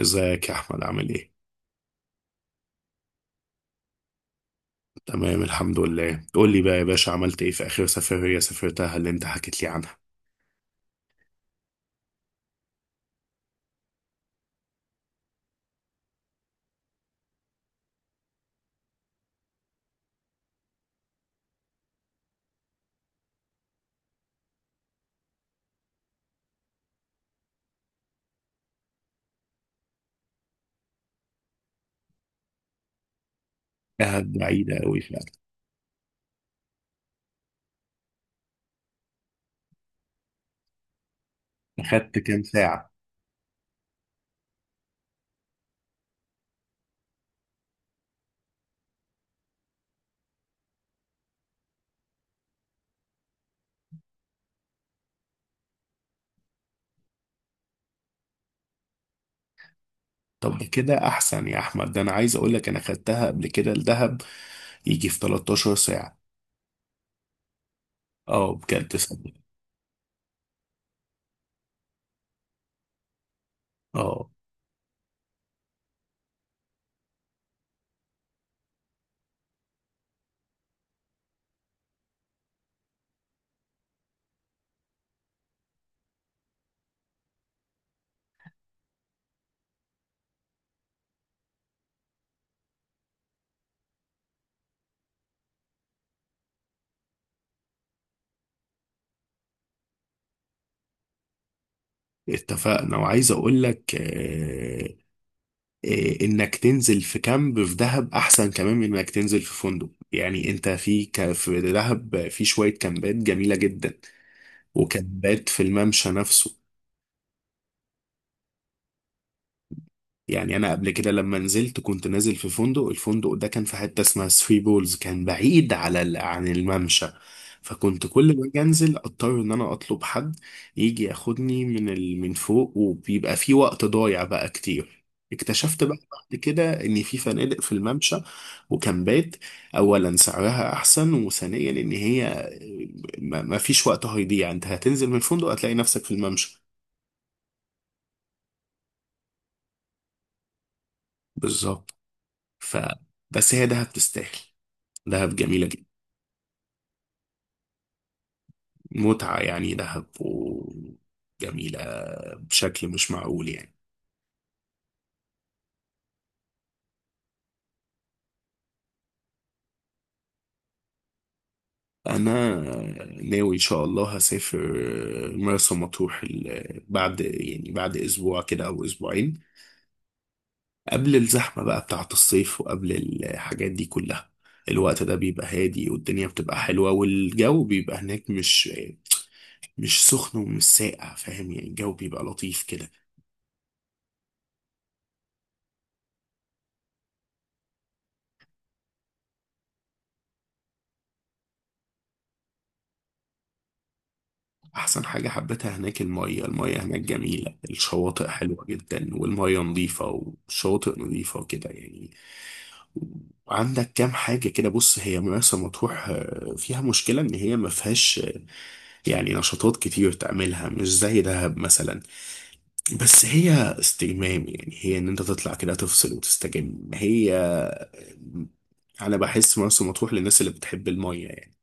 ازيك يا احمد، عامل ايه؟ تمام الحمد لله. قول لي بقى يا باشا، عملت ايه في اخر سفرية سافرتها اللي انت حكيت لي عنها؟ كانت بعيدة قوي فعلا. اخدت كام ساعة؟ طب ده كده احسن يا احمد، ده انا عايز اقول لك انا خدتها قبل كده الدهب يجي في 13 ساعة. اه بجد صدق. اه، اتفقنا وعايز اقول لك انك تنزل في كامب في دهب احسن كمان من انك تنزل في فندق. يعني انت في دهب في شوية كامبات جميلة جدا، وكان بات في الممشى نفسه. يعني انا قبل كده لما نزلت كنت نازل في فندق، الفندق ده كان في حته اسمها ثري بولز، كان بعيد عن الممشى. فكنت كل ما اجي انزل اضطر ان انا اطلب حد يجي ياخدني من فوق، وبيبقى في وقت ضايع بقى كتير. اكتشفت بقى بعد كده ان في فنادق في الممشى وكامبات. اولا سعرها احسن، وثانيا ان هي ما فيش وقت هيضيع، انت هتنزل من الفندق هتلاقي نفسك في الممشى. بالظبط. ف بس هي دهب تستاهل، دهب جميلة جدا. متعة يعني دهب، وجميلة بشكل مش معقول يعني. أنا ناوي إن شاء الله هسافر مرسى مطروح يعني بعد أسبوع كده أو أسبوعين، قبل الزحمة بقى بتاعة الصيف وقبل الحاجات دي كلها. الوقت ده بيبقى هادي، والدنيا بتبقى حلوة، والجو بيبقى هناك مش سخن ومش ساقع، فاهم يعني؟ الجو بيبقى لطيف كده. احسن حاجة حبيتها هناك المية. المية هناك جميلة، الشواطئ حلوة جدا، والمية نظيفة، والشواطئ نظيفة وكده يعني. وعندك كام حاجة كده. بص، هي مرسى مطروح فيها مشكلة ان هي ما فيهاش يعني نشاطات كتير تعملها، مش زي دهب مثلا. بس هي استجمام يعني، هي ان انت تطلع كده تفصل وتستجم. هي انا بحس مرسى مطروح للناس اللي بتحب المية يعني.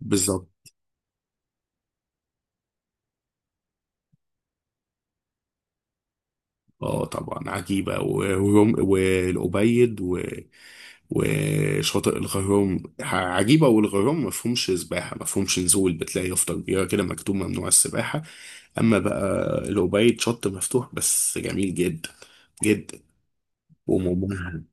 بالظبط. اه طبعا عجيبة والأبيض، وشاطئ الغيوم عجيبة. والغيوم ما فيهمش سباحة، ما فيهمش نزول، بتلاقي يافطة كبيرة كده مكتوب ممنوع السباحة. أما بقى الأوبايد شط مفتوح، بس جميل جدا جدا، وممهد.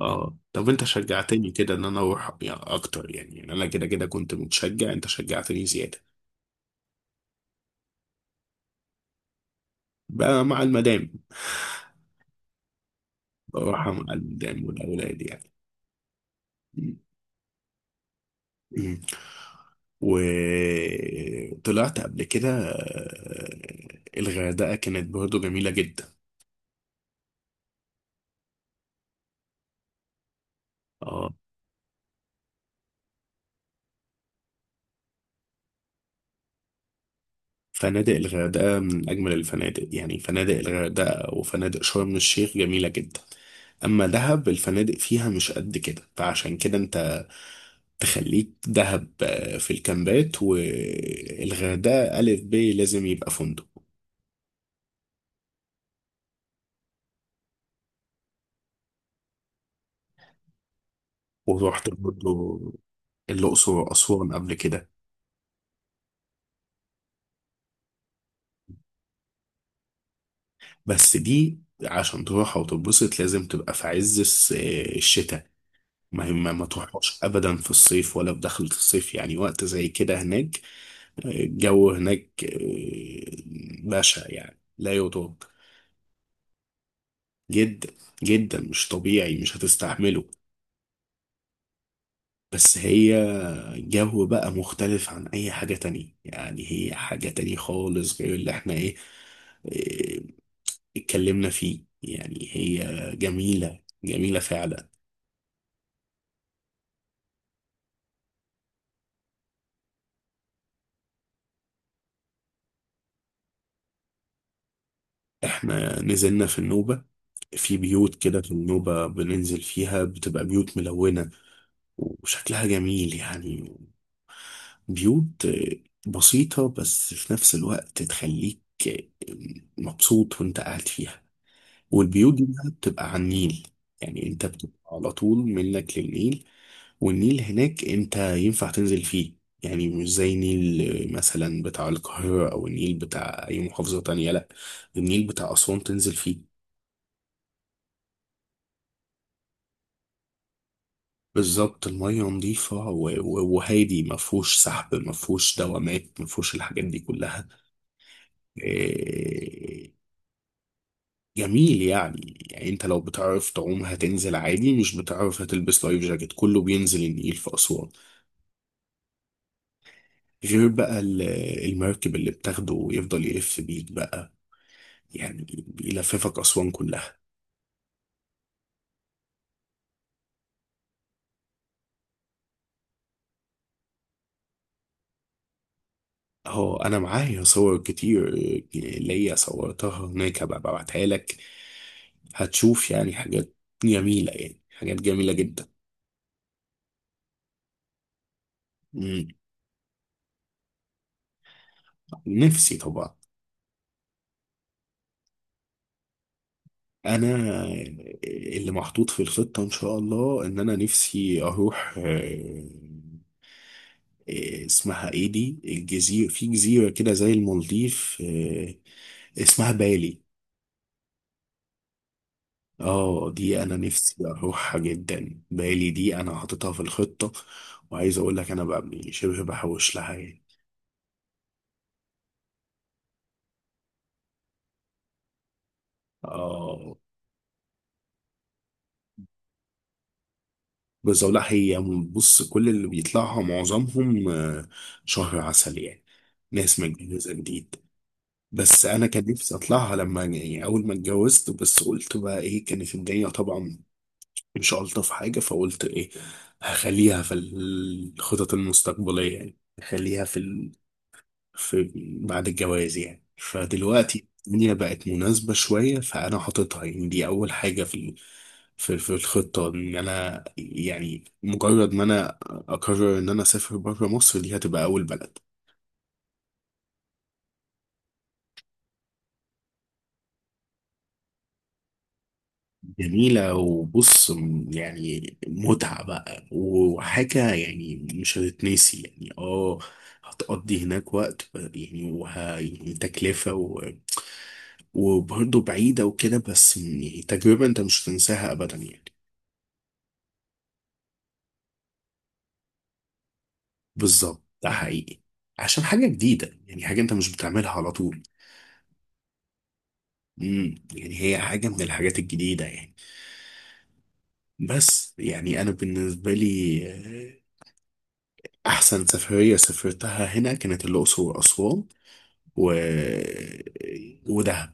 اه، طب انت شجعتني كده ان انا اروح يعني اكتر، يعني انا كده كده كنت متشجع، انت شجعتني زيادة. بقى مع المدام. بروح مع المدام والاولاد يعني. مم. وطلعت قبل كده الغردقة كانت برضه جميلة جدا. اه، فنادق الغردقة من أجمل الفنادق، يعني فنادق الغردقة وفنادق شرم الشيخ جميلة جدا. أما دهب الفنادق فيها مش قد كده، فعشان كده أنت تخليك دهب في الكامبات، والغردقة ألف ب لازم يبقى فندق. ورحت برضه الأقصر وأسوان قبل كده. بس دي عشان تروحها وتتبسط لازم تبقى في عز الشتاء. ما هي ما تروحهاش ابدا في الصيف، ولا في دخلة الصيف يعني، وقت زي كده هناك. الجو هناك بشع يعني لا يطاق. جدا جدا، مش طبيعي، مش هتستحمله. بس هي جو بقى مختلف عن اي حاجة تانية يعني، هي حاجة تانية خالص غير اللي احنا ايه آه، اتكلمنا فيه يعني. هي جميلة جميلة فعلا. احنا نزلنا في النوبة، في بيوت كده في النوبة بننزل فيها، بتبقى بيوت ملونة، وشكلها جميل يعني. بيوت بسيطة بس في نفس الوقت تخليك مبسوط وانت قاعد فيها. والبيوت دي بقى بتبقى على النيل، يعني انت بتبقى على طول منك للنيل. والنيل هناك انت ينفع تنزل فيه، يعني مش زي نيل مثلا بتاع القاهرة او النيل بتاع اي محافظة تانية. لا، النيل بتاع أسوان تنزل فيه. بالظبط، المية نظيفة وهادي، ما فيهوش سحب، ما فيهوش دوامات، ما فيهوش الحاجات دي كلها. إيه، جميل يعني. انت لو بتعرف تعوم هتنزل عادي، مش بتعرف هتلبس لايف جاكيت، كله بينزل النيل في أسوان. غير بقى المركب اللي بتاخده ويفضل يلف بيك بقى، يعني بيلففك أسوان كلها. هو انا معايا صور كتير، ليا صورتها هناك، هبقى ببعتها لك. هتشوف يعني حاجات جميلة، يعني حاجات جميلة جدا. مم. نفسي طبعا. انا، اللي محطوط في الخطة ان شاء الله ان انا نفسي اروح اسمها ايه دي، الجزيرة، في جزيرة كده زي المالديف، اسمها بالي. اه، دي انا نفسي اروحها جدا، بالي دي انا حاططها في الخطة. وعايز اقول لك انا بقى يعني شبه بحوش لها يعني. اه. بس أقول لك هي، بص، كل اللي بيطلعها معظمهم شهر عسل يعني، ناس متجوزة جديد. بس انا كان نفسي اطلعها لما يعني اول ما اتجوزت، بس قلت بقى ايه، كانت الدنيا طبعا مش الطف حاجة، فقلت ايه. هخليها في الخطط المستقبلية، يعني هخليها في بعد الجواز يعني. فدلوقتي الدنيا بقت مناسبة شوية، فأنا حاططها يعني، دي أول حاجة في الخطة، إن أنا يعني مجرد ما أنا أقرر إن أنا أسافر بره مصر دي هتبقى أول بلد. جميلة، وبص يعني متعة بقى وحاجة، يعني مش هتتنسي يعني، اه. هتقضي هناك وقت يعني يعني تكلفة وبرضه بعيدة وكده، بس يعني تجربة أنت مش هتنساها أبدا يعني. بالظبط ده حقيقي، عشان حاجة جديدة يعني، حاجة انت مش بتعملها على طول. يعني هي حاجة من الحاجات الجديدة يعني. بس يعني انا بالنسبة لي احسن سفرية سافرتها هنا كانت الاقصر واسوان و... ودهب.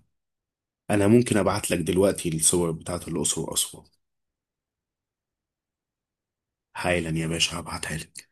انا ممكن ابعت لك دلوقتي الصور بتاعت الاقصر واسوان. حالا يا باشا هبعتها لك.